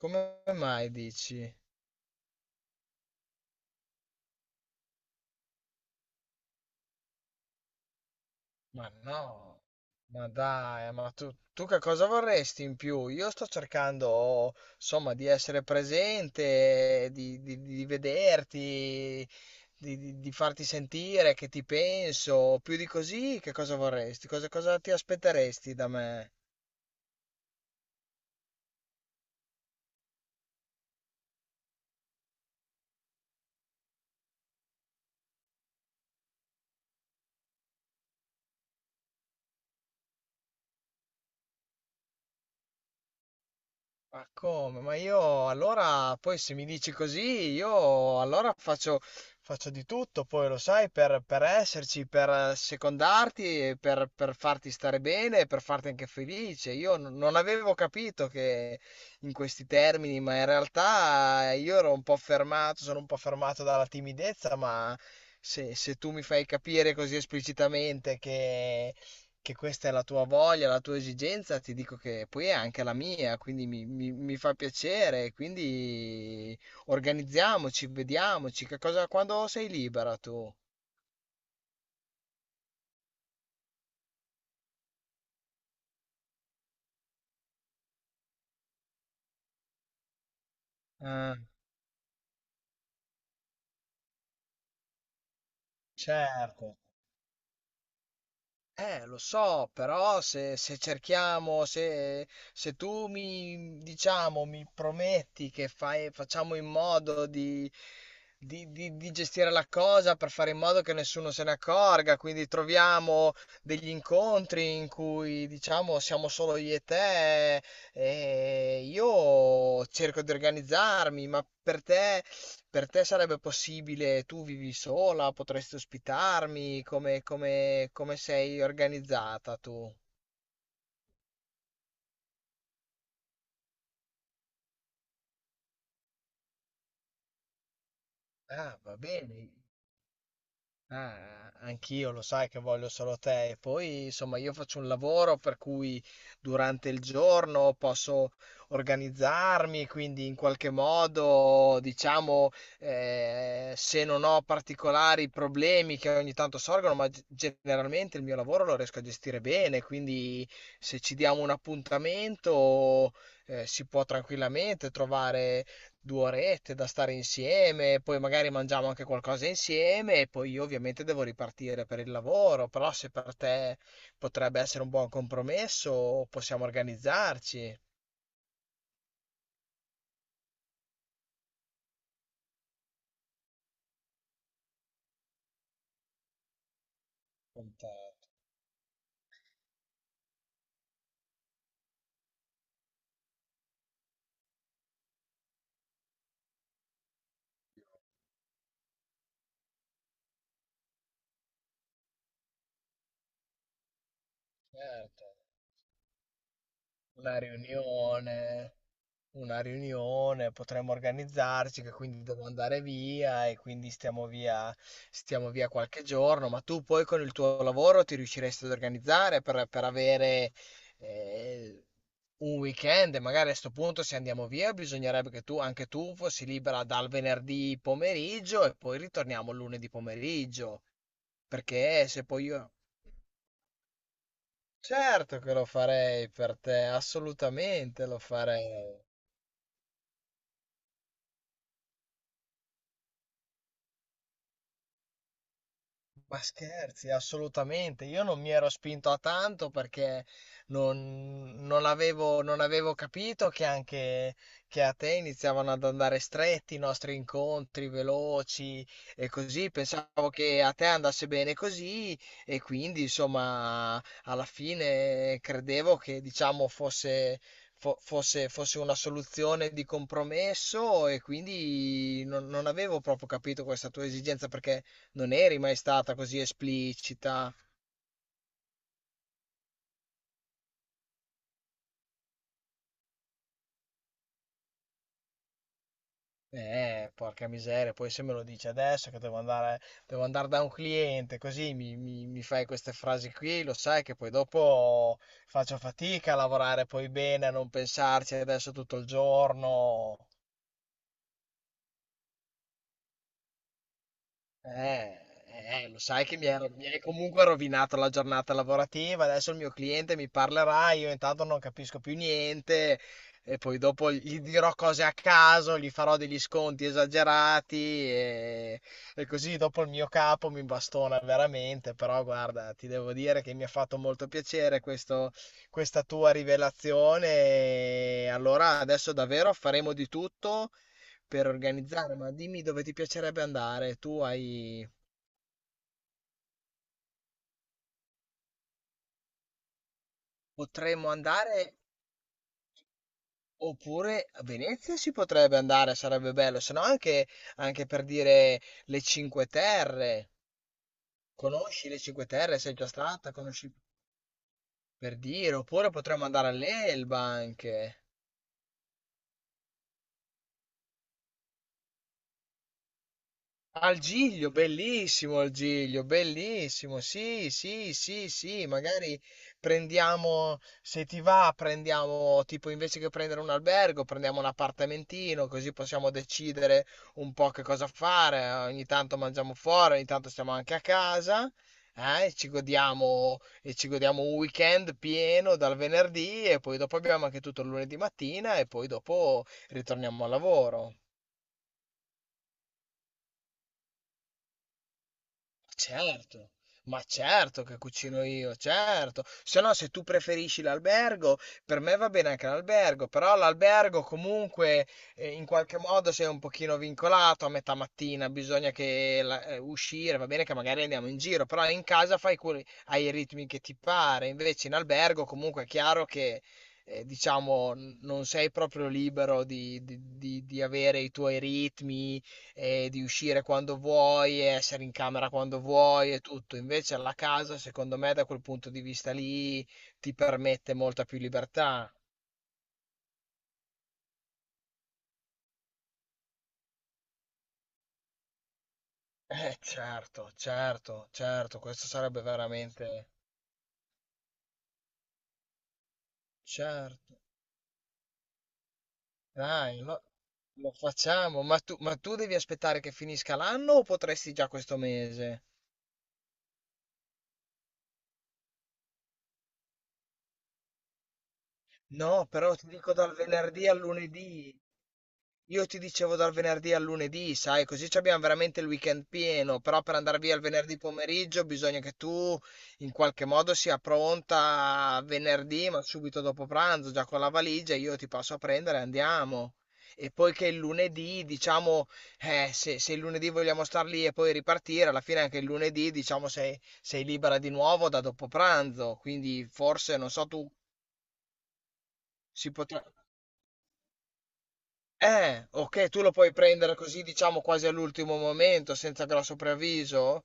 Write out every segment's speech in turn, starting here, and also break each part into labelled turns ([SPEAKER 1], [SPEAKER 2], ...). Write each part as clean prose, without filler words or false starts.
[SPEAKER 1] Come mai dici? Ma no, ma dai, ma tu, che cosa vorresti in più? Io sto cercando, insomma, di essere presente, di, di vederti, di, di farti sentire che ti penso. Più di così, che cosa vorresti? Cosa, cosa ti aspetteresti da me? Ma come? Ma io allora, poi se mi dici così, io allora faccio, faccio di tutto, poi lo sai, per esserci, per secondarti, e per farti stare bene, e per farti anche felice. Io non avevo capito che in questi termini, ma in realtà io ero un po' fermato, sono un po' fermato dalla timidezza, ma se, se tu mi fai capire così esplicitamente che questa è la tua voglia, la tua esigenza, ti dico che poi è anche la mia, quindi mi, mi fa piacere, quindi organizziamoci, vediamoci, che cosa, quando sei libera tu? Ah, certo. Lo so, però se, se cerchiamo, se, se tu mi, diciamo, mi prometti che fai, facciamo in modo di, di gestire la cosa per fare in modo che nessuno se ne accorga, quindi troviamo degli incontri in cui, diciamo, siamo solo io e te, e io cerco di organizzarmi, ma per te... Per te sarebbe possibile, tu vivi sola, potresti ospitarmi, come, come, come sei organizzata tu? Ah, va bene. Ah, anch'io lo sai che voglio solo te e poi insomma io faccio un lavoro per cui durante il giorno posso organizzarmi, quindi in qualche modo diciamo se non ho particolari problemi che ogni tanto sorgono, ma generalmente il mio lavoro lo riesco a gestire bene, quindi se ci diamo un appuntamento si può tranquillamente trovare due orette da stare insieme, poi magari mangiamo anche qualcosa insieme e poi io ovviamente devo ripartire per il lavoro, però se per te potrebbe essere un buon compromesso possiamo organizzarci. Contatto, certo. Una riunione, una riunione, potremmo organizzarci che quindi devo andare via e quindi stiamo via qualche giorno, ma tu poi con il tuo lavoro ti riusciresti ad organizzare per avere eh, un weekend e magari a sto punto se andiamo via bisognerebbe che tu, anche tu fossi libera dal venerdì pomeriggio e poi ritorniamo lunedì pomeriggio, perché se poi io... Certo che lo farei per te, assolutamente lo farei. Ma scherzi, assolutamente. Io non mi ero spinto a tanto perché non, non avevo, non avevo capito che anche che a te iniziavano ad andare stretti i nostri incontri veloci e così. Pensavo che a te andasse bene così e quindi, insomma, alla fine credevo che, diciamo, fosse, fosse una soluzione di compromesso e quindi non avevo proprio capito questa tua esigenza perché non eri mai stata così esplicita. Porca miseria, poi se me lo dici adesso che devo andare da un cliente, così mi, mi fai queste frasi qui, lo sai che poi dopo faccio fatica a lavorare poi bene, a non pensarci adesso tutto il giorno. Eh, lo sai che mi hai comunque rovinato la giornata lavorativa, adesso il mio cliente mi parlerà, io intanto non capisco più niente e poi dopo gli dirò cose a caso, gli farò degli sconti esagerati e, e così dopo il mio capo mi bastona veramente, però guarda, ti devo dire che mi ha fatto molto piacere questa tua rivelazione e allora adesso davvero faremo di tutto per organizzare, ma dimmi dove ti piacerebbe andare. Tu hai... Potremmo andare oppure a Venezia si potrebbe andare, sarebbe bello, se no anche, anche per dire le Cinque Terre. Conosci le Cinque Terre? Sei già stata? Conosci per dire? Oppure potremmo andare all'Elba anche. Al Giglio, bellissimo Al Giglio, bellissimo. Sì, sì, sì, sì, magari prendiamo, se ti va, prendiamo, tipo invece che prendere un albergo, prendiamo un appartamentino, così possiamo decidere un po' che cosa fare. Ogni tanto mangiamo fuori, ogni tanto stiamo anche a casa, e ci godiamo un weekend pieno dal venerdì e poi dopo abbiamo anche tutto il lunedì mattina e poi dopo ritorniamo al lavoro. Certo, ma certo che cucino io, certo. Se no, se tu preferisci l'albergo, per me va bene anche l'albergo, però l'albergo comunque in qualche modo sei un pochino vincolato a metà mattina, bisogna che uscire, va bene che magari andiamo in giro, però in casa fai quelli, hai i ritmi che ti pare, invece in albergo comunque è chiaro che diciamo non sei proprio libero di di avere i tuoi ritmi e di uscire quando vuoi, e essere in camera quando vuoi e tutto. Invece alla casa, secondo me, da quel punto di vista lì, ti permette molta più libertà. Certo, certo, certo, questo sarebbe veramente... Certo. Dai, lo, lo facciamo, ma tu devi aspettare che finisca l'anno o potresti già questo mese? No, però ti dico dal venerdì al lunedì. Io ti dicevo dal venerdì al lunedì, sai, così ci abbiamo veramente il weekend pieno, però per andare via il venerdì pomeriggio bisogna che tu in qualche modo sia pronta venerdì, ma subito dopo pranzo, già con la valigia, io ti passo a prendere e andiamo. E poi che il lunedì, diciamo, se, se il lunedì vogliamo star lì e poi ripartire, alla fine anche il lunedì, diciamo, sei, sei libera di nuovo da dopo pranzo, quindi forse, non so, tu si potrà... ok, tu lo puoi prendere così, diciamo, quasi all'ultimo momento, senza grosso preavviso?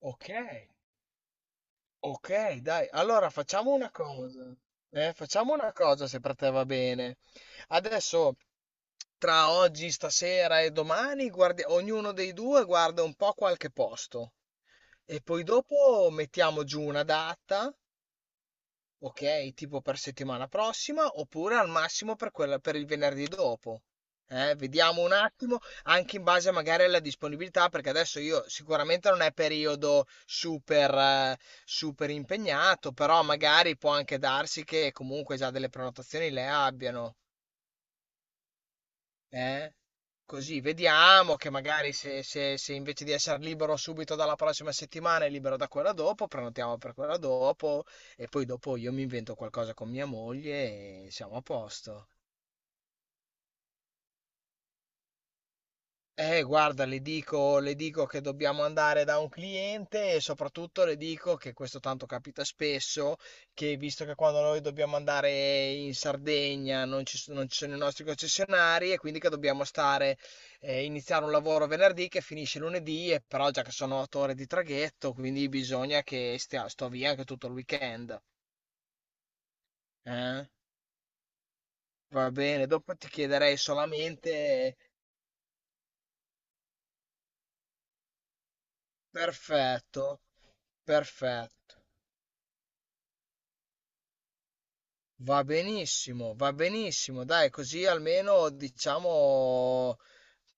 [SPEAKER 1] Ok, ok, dai. Allora facciamo una cosa. Facciamo una cosa se per te va bene. Adesso, tra oggi, stasera e domani, ognuno dei due guarda un po' qualche posto. E poi dopo mettiamo giù una data. Ok, tipo per settimana prossima oppure al massimo per quella, per il venerdì dopo. Vediamo un attimo, anche in base magari alla disponibilità, perché adesso io sicuramente non è periodo super, super impegnato, però magari può anche darsi che comunque già delle prenotazioni le abbiano. Eh? Così vediamo che magari se, se invece di essere libero subito dalla prossima settimana è libero da quella dopo, prenotiamo per quella dopo e poi dopo io mi invento qualcosa con mia moglie e siamo a posto. Guarda, le dico che dobbiamo andare da un cliente e soprattutto le dico che questo tanto capita spesso, che visto che quando noi dobbiamo andare in Sardegna non ci, non ci sono i nostri concessionari e quindi che dobbiamo stare, iniziare un lavoro venerdì che finisce lunedì, e però già che sono 8 ore di traghetto, quindi bisogna che stia, sto via anche tutto il weekend. Eh? Va bene, dopo ti chiederei solamente... Perfetto, perfetto. Va benissimo, dai, così almeno diciamo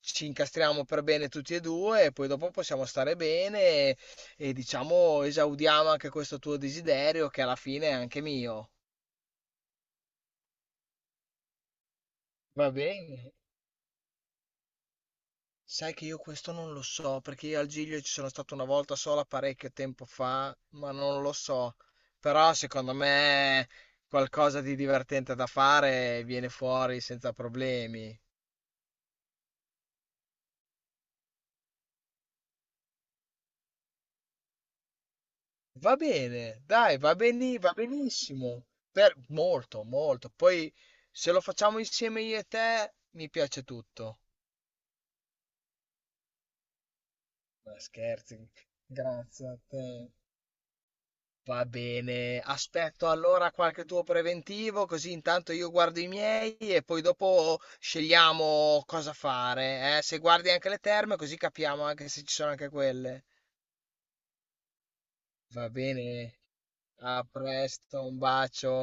[SPEAKER 1] ci incastriamo per bene tutti e due e poi dopo possiamo stare bene e, diciamo esaudiamo anche questo tuo desiderio che alla fine è anche mio. Va bene. Sai che io questo non lo so perché io al Giglio ci sono stato una volta sola parecchio tempo fa, ma non lo so. Però secondo me qualcosa di divertente da fare viene fuori senza problemi. Va bene, dai, va beni va benissimo. Per molto, molto. Poi se lo facciamo insieme io e te, mi piace tutto. Ma scherzi, grazie a te. Va bene, aspetto allora qualche tuo preventivo, così intanto io guardo i miei e poi dopo scegliamo cosa fare. Eh. Se guardi anche le terme, così capiamo anche se ci sono anche quelle. Va bene, a presto, un bacio.